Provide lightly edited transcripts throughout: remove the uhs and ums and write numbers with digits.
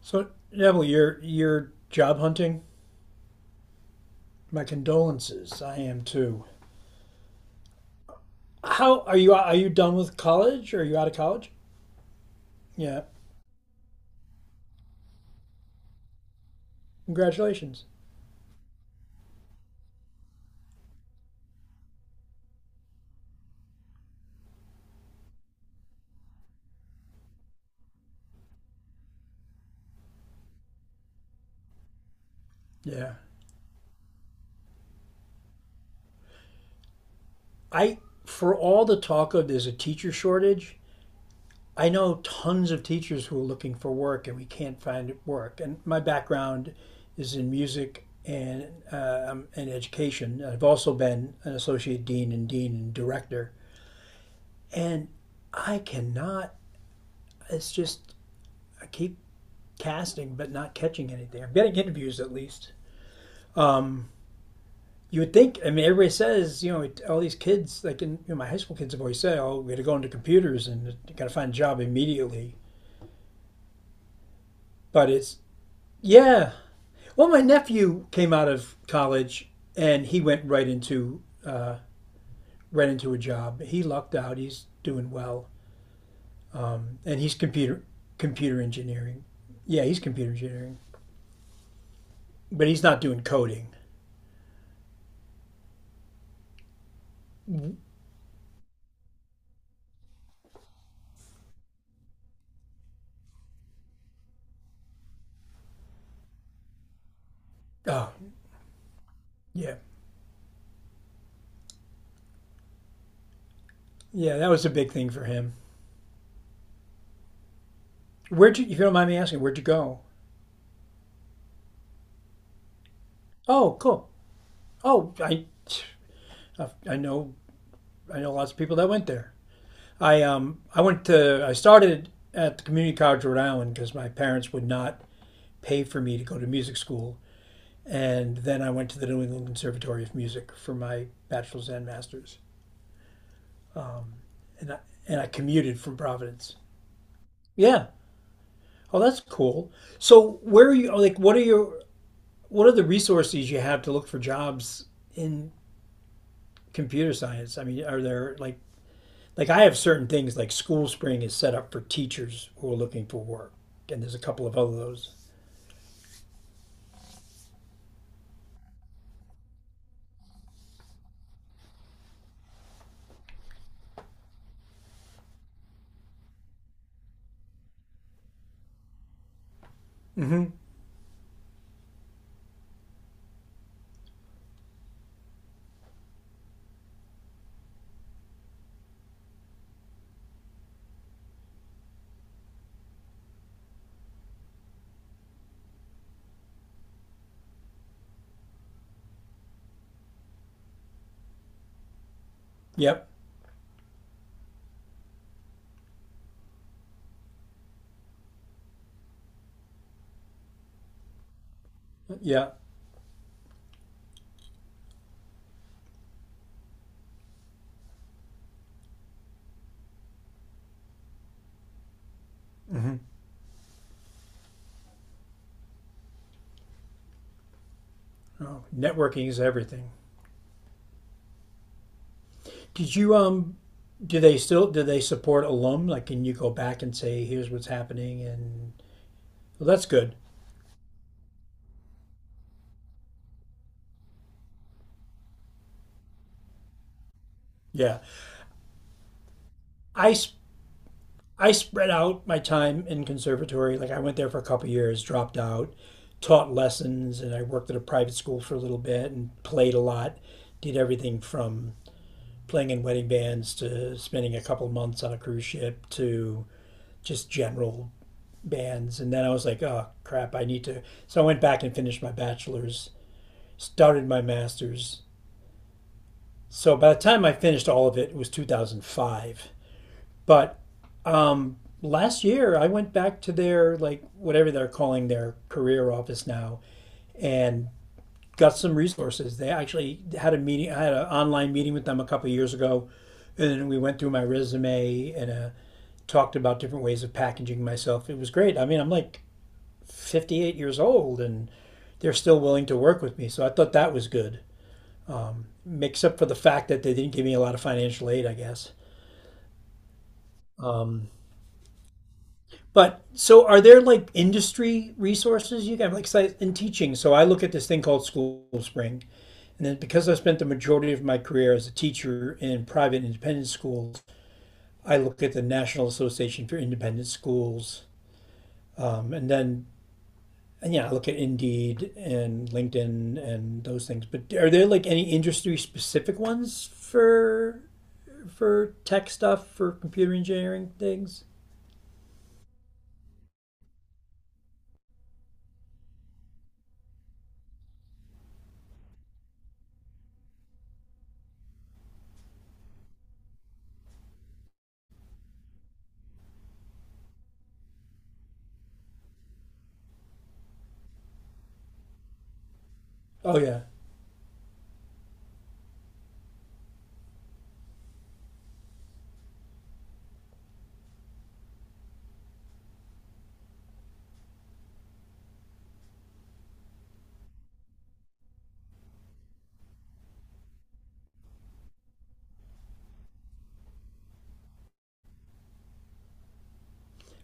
So Neville, you're job hunting. My condolences. I am too. How are you? Are you done with college? Or are you out of college? Yeah. Congratulations. Yeah. I for all the talk of there's a teacher shortage, I know tons of teachers who are looking for work and we can't find work. And my background is in music and education. I've also been an associate dean and dean and director. And I cannot. It's just I keep casting but not catching anything. I'm getting interviews at least. Um, you would think. I mean, everybody says all these kids, like, my high school kids have always said, "Oh, we got to go into computers and you got to find a job immediately." But it's yeah. Well, my nephew came out of college and he went right into a job. He lucked out. He's doing well, and he's computer engineering. Yeah, he's computer engineering, but he's not doing coding. Oh, yeah, yeah. That was a big thing for him. If you don't mind me asking, where'd you go? Oh, cool. Oh, I, I know, I know lots of people that went there. I started at the Community College of Rhode Island because my parents would not pay for me to go to music school, and then I went to the New England Conservatory of Music for my bachelor's and master's, and I, and I commuted from Providence. Yeah. Oh, that's cool. So, where are you? Oh, Like, what are the resources you have to look for jobs in computer science? I mean, are there like I have certain things like School Spring is set up for teachers who are looking for work, and there's a couple of other those. Mm-hmm. Yep, yeah. Mm-hmm. Oh, networking is everything. Did you um? Do they still do they support alum? Like, can you go back and say, here's what's happening? And well, that's good. Yeah, I I spread out my time in conservatory. Like, I went there for a couple of years, dropped out, taught lessons, and I worked at a private school for a little bit and played a lot. Did everything from playing in wedding bands to spending a couple months on a cruise ship to just general bands. And then I was like, oh crap, I need to. So I went back and finished my bachelor's, started my master's. So by the time I finished all of it, it was 2005. But last year, I went back to their, like, whatever they're calling their career office now, and got some resources. They actually had a meeting, I had an online meeting with them a couple of years ago, and we went through my resume and a talked about different ways of packaging myself. It was great. I mean, I'm like 58 years old and they're still willing to work with me. So I thought that was good, except for the fact that they didn't give me a lot of financial aid, I guess. Um, but so are there like industry resources you can like in teaching? So I look at this thing called School Spring. And then because I spent the majority of my career as a teacher in private independent schools, I look at the National Association for Independent Schools. Um, and then And yeah, I look at Indeed and LinkedIn and those things. But are there like any industry specific ones for tech stuff for computer engineering things? Oh yeah,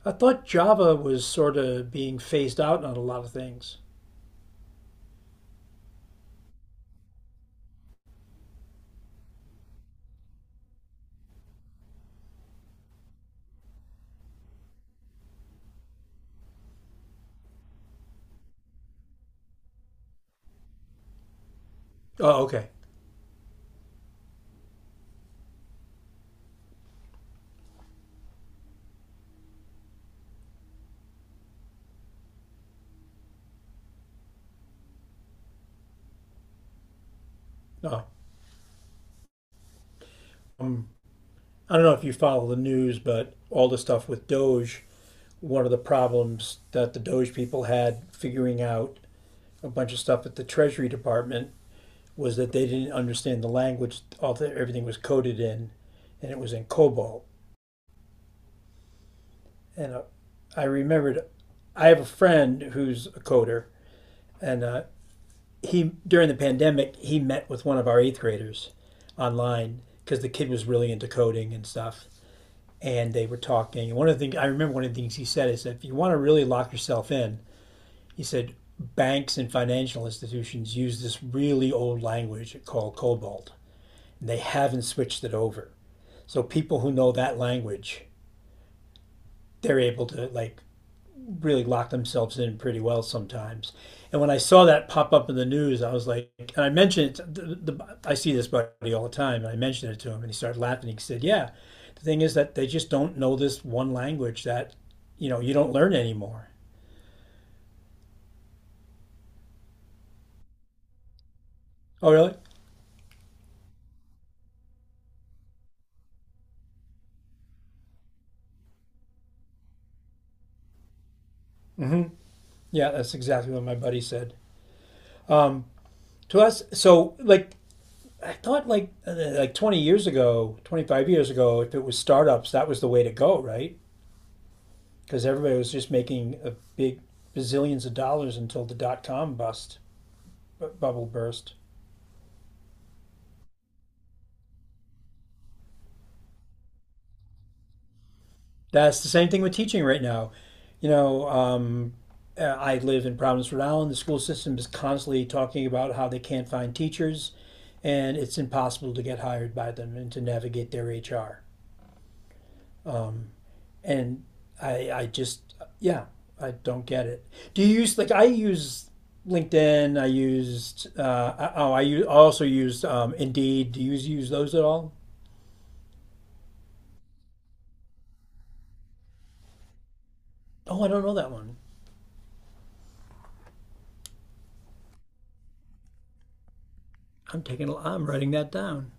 I thought Java was sort of being phased out on a lot of things. Oh okay. No, um, I don't know if you follow the news, but all the stuff with Doge, one of the problems that the Doge people had figuring out a bunch of stuff at the Treasury Department was that they didn't understand the language. Everything was coded in, and it was in COBOL. And I remembered, I have a friend who's a coder, and he during the pandemic he met with one of our eighth graders online because the kid was really into coding and stuff, and they were talking. And one of the things I remember, one of the things he said is that if you want to really lock yourself in, he said banks and financial institutions use this really old language called COBOL, and they haven't switched it over. So people who know that language, they're able to like really lock themselves in pretty well sometimes. And when I saw that pop up in the news, I was like, and I mentioned it. I see this buddy all the time, and I mentioned it to him, and he started laughing. He said, "Yeah, the thing is that they just don't know this one language that, you know, you don't learn anymore." Oh, really? Mm-hmm. Yeah, that's exactly what my buddy said. Um, so I thought, like 20 years ago, 25 years ago, if it was startups, that was the way to go, right? Because everybody was just making a big bazillions of dollars until .com bubble burst. That's the same thing with teaching right now. You know, I live in Providence, Rhode Island. The school system is constantly talking about how they can't find teachers, and it's impossible to get hired by them and to navigate their HR. And I just yeah I don't get it. Do you use like I use LinkedIn? I used I- oh I use, also used Indeed. Do you use those at all? Oh, I don't know that one. I'm writing that down.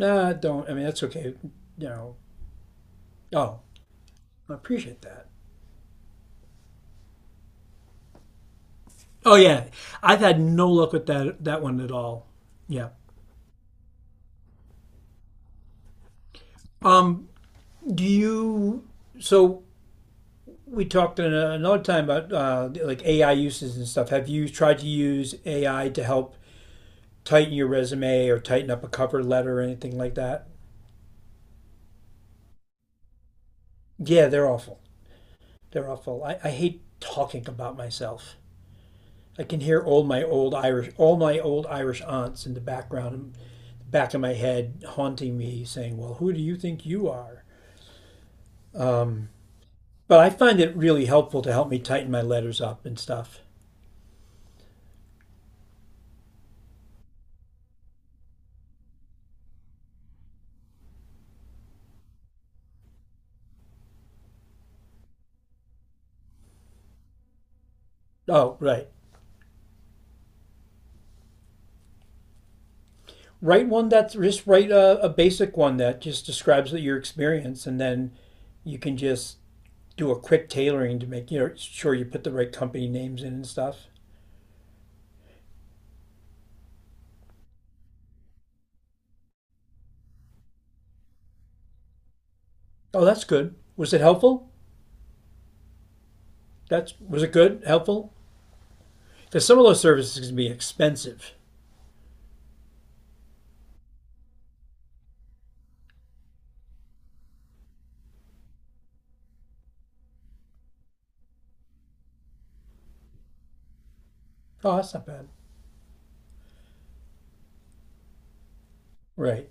Nah, don't. I mean that's okay. You know. Oh, I appreciate that. Oh yeah, I've had no luck with that one at all. Yeah. Um. Do you so We talked in another time about like AI uses and stuff. Have you tried to use AI to help tighten your resume or tighten up a cover letter or anything like that? Yeah, they're awful. They're awful. I hate talking about myself. I can hear all my old Irish, all my old Irish aunts in the background, back of my head, haunting me, saying, "Well, who do you think you are?" Um, but I find it really helpful to help me tighten my letters up and stuff. Oh, right. Write one that's just write a basic one that just describes your experience and then you can just do a quick tailoring to make, you know, sure you put the right company names in and stuff. Oh, that's good, was it helpful? That's Was it good, helpful? Because some of those services can be expensive. Oh, that's not bad. Right.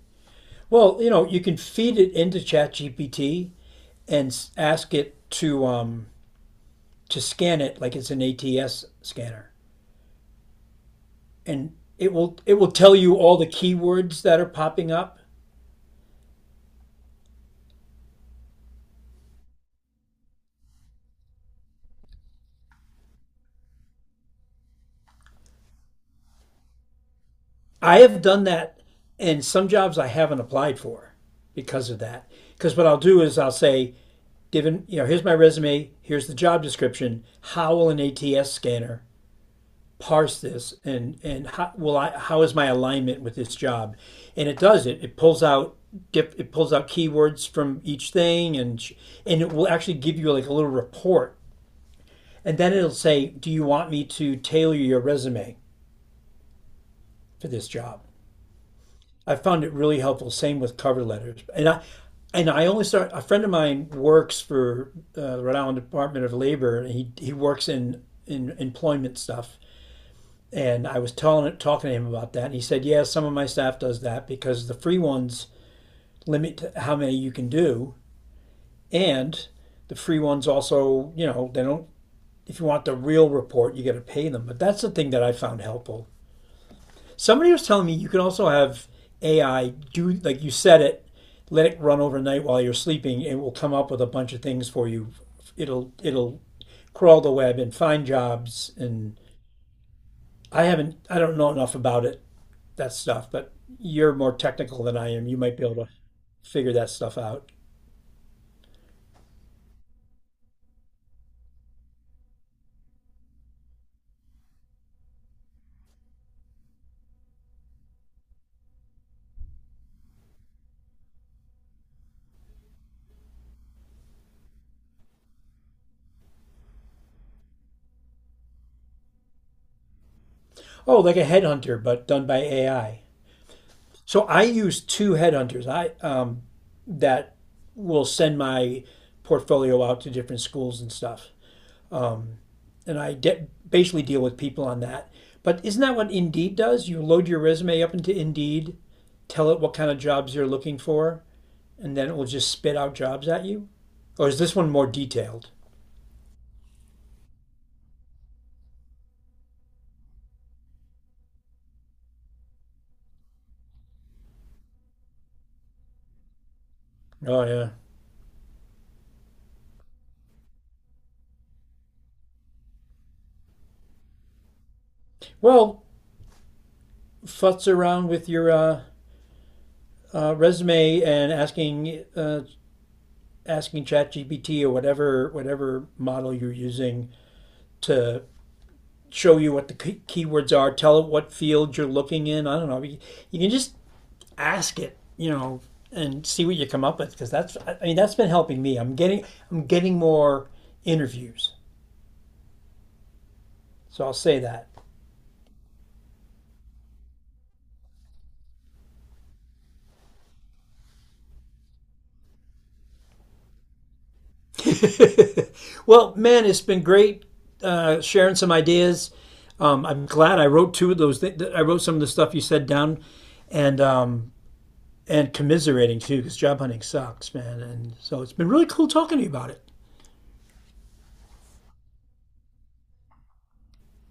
Well, you know, you can feed it into ChatGPT and ask it to scan it like it's an ATS scanner, and it will tell you all the keywords that are popping up. I have done that, and some jobs I haven't applied for because of that. Because what I'll do is I'll say, given, you know, here's my resume, here's the job description. How will an ATS scanner parse this, and how will I? How is my alignment with this job? And it does it. It pulls out dip. It pulls out keywords from each thing, and it will actually give you like a little report. And then it'll say, do you want me to tailor your resume for this job? I found it really helpful. Same with cover letters. And I only start, A friend of mine works for the Rhode Island Department of Labor, and he works in employment stuff. And I was talking to him about that, and he said, yeah, some of my staff does that because the free ones limit how many you can do. And the free ones also, you know, they don't, if you want the real report, you got to pay them. But that's the thing that I found helpful. Somebody was telling me you can also have AI do, like, you set it, let it run overnight while you're sleeping, and it will come up with a bunch of things for you. It'll crawl the web and find jobs and I don't know enough about that stuff, but you're more technical than I am. You might be able to figure that stuff out. Oh, like a headhunter, but done by AI. So I use two headhunters. I That will send my portfolio out to different schools and stuff. Um, Basically deal with people on that. But isn't that what Indeed does? You load your resume up into Indeed, tell it what kind of jobs you're looking for, and then it will just spit out jobs at you. Or is this one more detailed? Oh yeah. Well, futz around with your resume and asking ChatGPT or whatever model you're using to show you what the keywords are. Tell it what field you're looking in. I don't know. You can just ask it, you know, and see what you come up with because that's I mean that's been helping me. I'm getting more interviews, so I'll say that. Well, man, it's been great sharing some ideas. I'm glad I wrote two of those. I wrote some of the stuff you said down, and um, and commiserating too because job hunting sucks, man. And so it's been really cool talking to you about it.